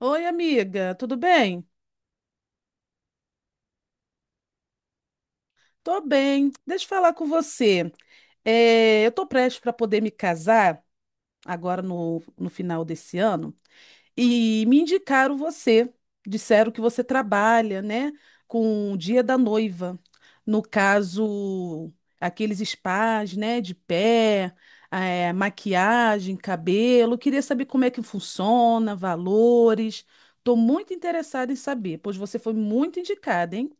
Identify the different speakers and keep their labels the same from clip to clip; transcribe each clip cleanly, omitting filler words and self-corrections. Speaker 1: Oi, amiga, tudo bem? Tô bem. Deixa eu falar com você. Eu tô prestes para poder me casar agora no final desse ano e me indicaram você. Disseram que você trabalha, né, com o dia da noiva. No caso, aqueles spas, né, de pé, maquiagem, cabelo. Queria saber como é que funciona, valores. Tô muito interessada em saber, pois você foi muito indicada, hein?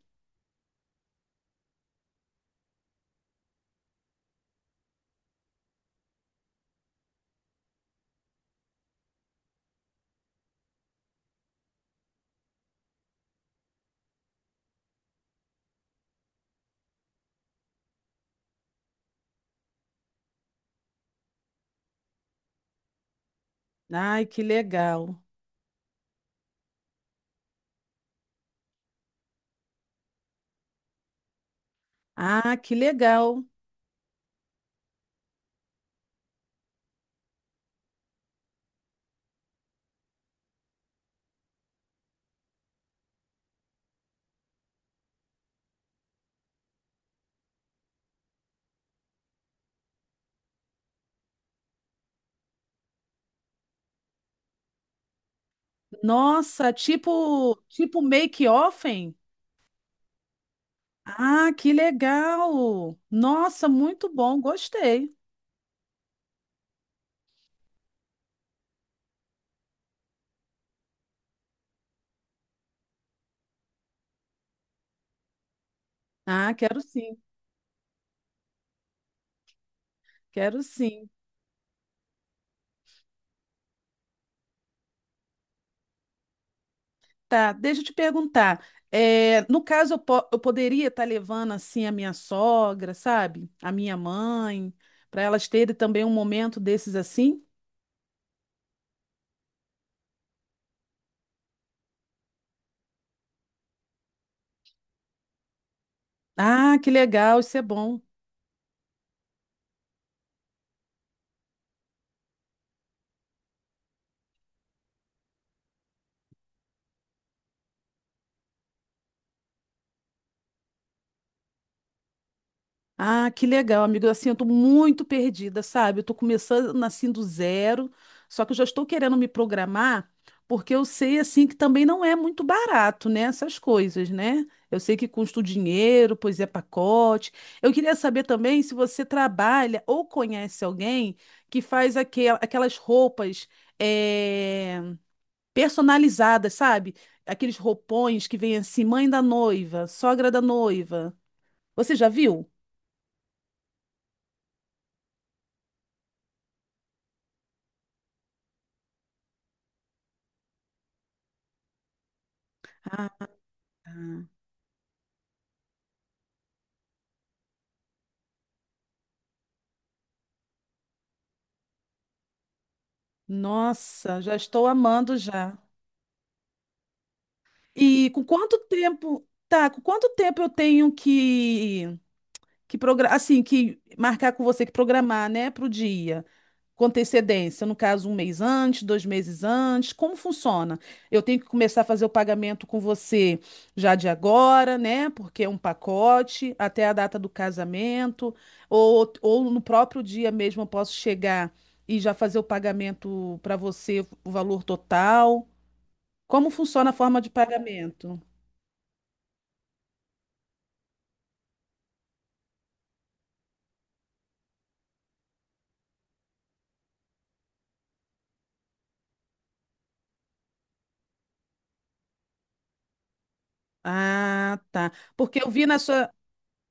Speaker 1: Ai, que legal. Ah, que legal. Nossa, tipo make-offen? Ah, que legal. Nossa, muito bom, gostei. Ah, quero sim, quero sim. Tá, deixa eu te perguntar. No caso, eu poderia estar levando assim a minha sogra, sabe? A minha mãe, para elas terem também um momento desses assim? Ah, que legal, isso é bom. Ah, que legal, amigo. Assim, eu tô muito perdida, sabe? Eu tô começando assim do zero, só que eu já estou querendo me programar, porque eu sei assim que também não é muito barato, né? Essas coisas, né? Eu sei que custa o dinheiro, pois é pacote. Eu queria saber também se você trabalha ou conhece alguém que faz aquelas roupas eh, personalizadas, sabe? Aqueles roupões que vem assim, mãe da noiva, sogra da noiva. Você já viu? Nossa, já estou amando já. E com quanto tempo, tá, com quanto tempo eu tenho assim, que marcar com você que programar, né, para o dia? Com antecedência, no caso, um mês antes, dois meses antes, como funciona? Eu tenho que começar a fazer o pagamento com você já de agora, né? Porque é um pacote, até a data do casamento, ou no próprio dia mesmo eu posso chegar e já fazer o pagamento para você, o valor total. Como funciona a forma de pagamento? Ah, tá. Porque eu vi na sua,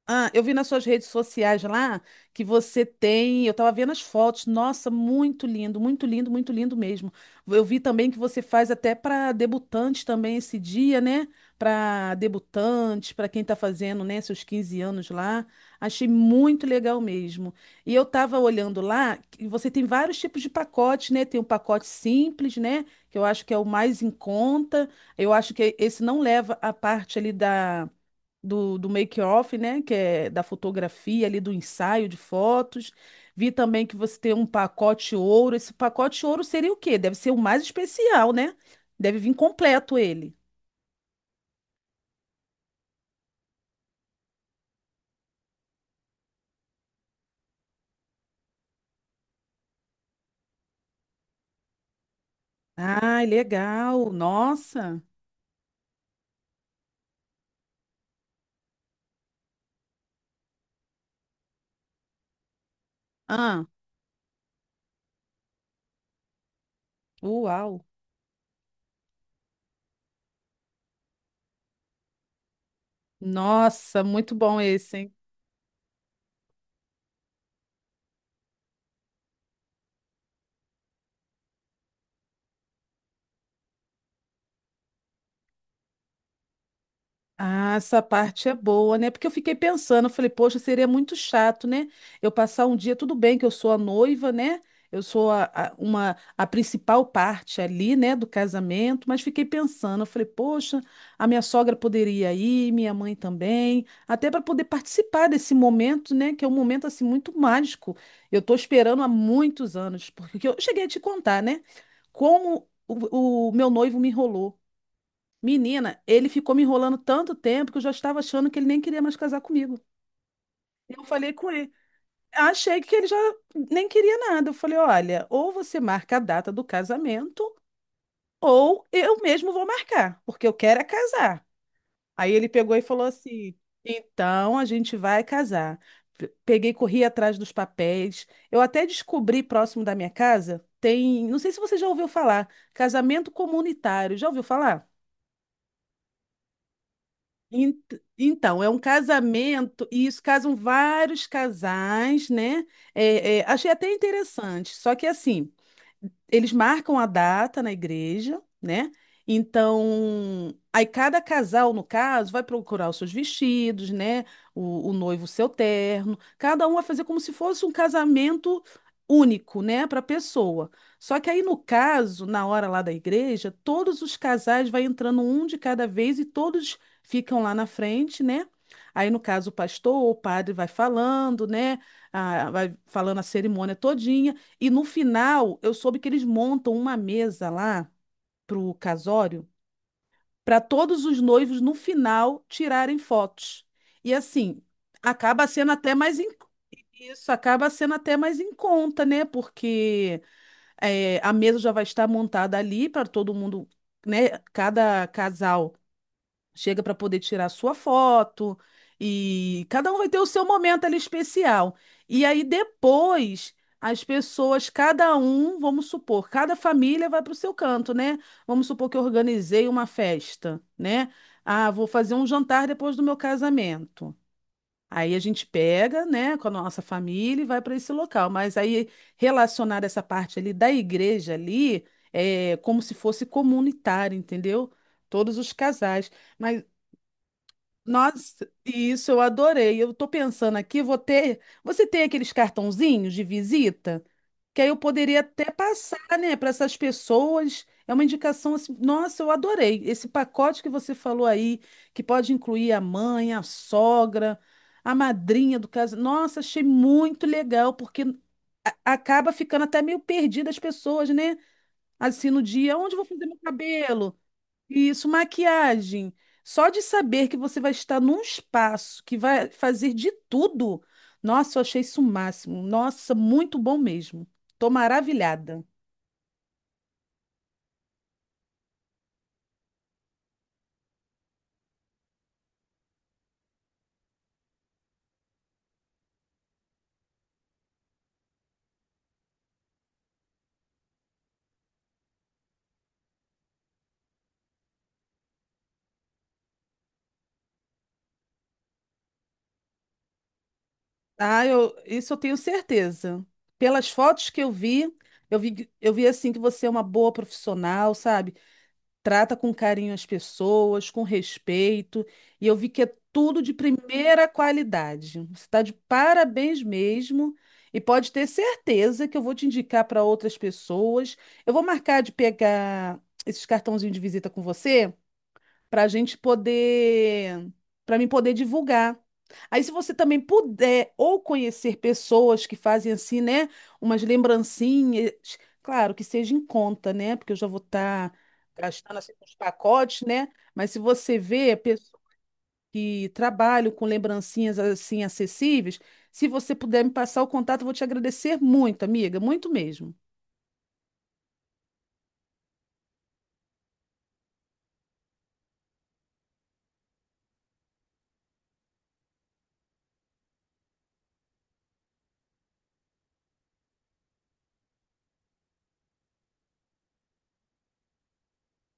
Speaker 1: Ah, eu vi nas suas redes sociais lá que você tem. Eu estava vendo as fotos. Nossa, muito lindo, muito lindo, muito lindo mesmo. Eu vi também que você faz até para debutantes também esse dia, né? Para debutantes, para quem está fazendo, né, seus 15 anos lá. Achei muito legal mesmo. E eu estava olhando lá que você tem vários tipos de pacotes, né? Tem um pacote simples, né? Que eu acho que é o mais em conta. Eu acho que esse não leva a parte ali do make-off, né? Que é da fotografia ali, do ensaio de fotos. Vi também que você tem um pacote ouro. Esse pacote ouro seria o quê? Deve ser o mais especial, né? Deve vir completo ele. Ai, legal. Nossa. Ah, uau. Nossa, muito bom esse, hein? Ah, essa parte é boa, né? Porque eu fiquei pensando, eu falei, poxa, seria muito chato, né? Eu passar um dia, tudo bem que eu sou a noiva, né? Eu sou a principal parte ali, né, do casamento, mas fiquei pensando, eu falei, poxa, a minha sogra poderia ir, minha mãe também, até para poder participar desse momento, né, que é um momento assim muito mágico. Eu estou esperando há muitos anos, porque eu cheguei a te contar, né, como o meu noivo me enrolou. Menina, ele ficou me enrolando tanto tempo que eu já estava achando que ele nem queria mais casar comigo. Eu falei com ele. Achei que ele já nem queria nada. Eu falei: olha, ou você marca a data do casamento, ou eu mesmo vou marcar, porque eu quero é casar. Aí ele pegou e falou assim: então a gente vai casar. Peguei, corri atrás dos papéis. Eu até descobri próximo da minha casa, tem, não sei se você já ouviu falar, casamento comunitário. Já ouviu falar? Ent- Então, é um casamento, e isso casam vários casais, né? Achei até interessante. Só que assim, eles marcam a data na igreja, né? Então, aí cada casal, no caso, vai procurar os seus vestidos, né? O noivo, o seu terno. Cada um vai fazer como se fosse um casamento único, né? Para a pessoa. Só que aí, no caso, na hora lá da igreja, todos os casais vai entrando um de cada vez e todos ficam lá na frente, né? Aí, no caso, o pastor ou o padre vai falando, né? Ah, vai falando a cerimônia todinha. E no final, eu soube que eles montam uma mesa lá pro casório para todos os noivos no final tirarem fotos. E assim, acaba sendo até mais em- isso acaba sendo até mais em conta, né? Porque é, a mesa já vai estar montada ali para todo mundo, né? Cada casal chega para poder tirar sua foto e cada um vai ter o seu momento ali especial. E aí depois as pessoas, cada um, vamos supor, cada família vai para o seu canto, né? Vamos supor que eu organizei uma festa, né? Ah, vou fazer um jantar depois do meu casamento. Aí a gente pega, né, com a nossa família e vai para esse local. Mas aí relacionar essa parte ali da igreja ali é como se fosse comunitário, entendeu? Todos os casais. Mas nossa, isso eu adorei. Eu tô pensando aqui, vou ter. Você tem aqueles cartãozinhos de visita? Que aí eu poderia até passar, né, para essas pessoas. É uma indicação assim. Nossa, eu adorei. Esse pacote que você falou aí, que pode incluir a mãe, a sogra, a madrinha do caso. Nossa, achei muito legal, porque acaba ficando até meio perdida as pessoas, né? Assim, no dia, onde eu vou fazer meu cabelo? Isso, maquiagem. Só de saber que você vai estar num espaço que vai fazer de tudo. Nossa, eu achei isso o máximo. Nossa, muito bom mesmo. Tô maravilhada. Ah, eu, isso eu tenho certeza. Pelas fotos que eu vi, eu vi assim que você é uma boa profissional, sabe? Trata com carinho as pessoas, com respeito, e eu vi que é tudo de primeira qualidade. Você está de parabéns mesmo, e pode ter certeza que eu vou te indicar para outras pessoas. Eu vou marcar de pegar esses cartãozinhos de visita com você para a gente poder, para mim poder divulgar. Aí, se você também puder ou conhecer pessoas que fazem assim, né, umas lembrancinhas, claro que seja em conta, né, porque eu já vou estar gastando assim com os pacotes, né, mas se você vê pessoas que trabalham com lembrancinhas assim acessíveis, se você puder me passar o contato, eu vou te agradecer muito, amiga, muito mesmo.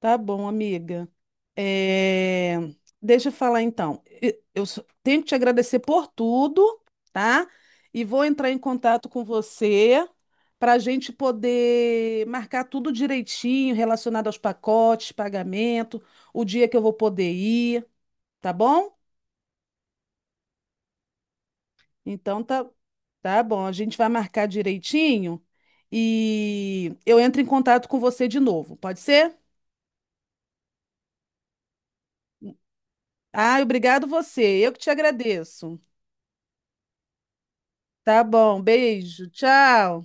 Speaker 1: Tá bom, amiga. É, Deixa eu falar então. Eu só tenho que te agradecer por tudo, tá? E vou entrar em contato com você para a gente poder marcar tudo direitinho relacionado aos pacotes, pagamento, o dia que eu vou poder ir, tá bom? Então tá, tá bom. A gente vai marcar direitinho e eu entro em contato com você de novo, pode ser? Ah, obrigado você. Eu que te agradeço. Tá bom, beijo, tchau.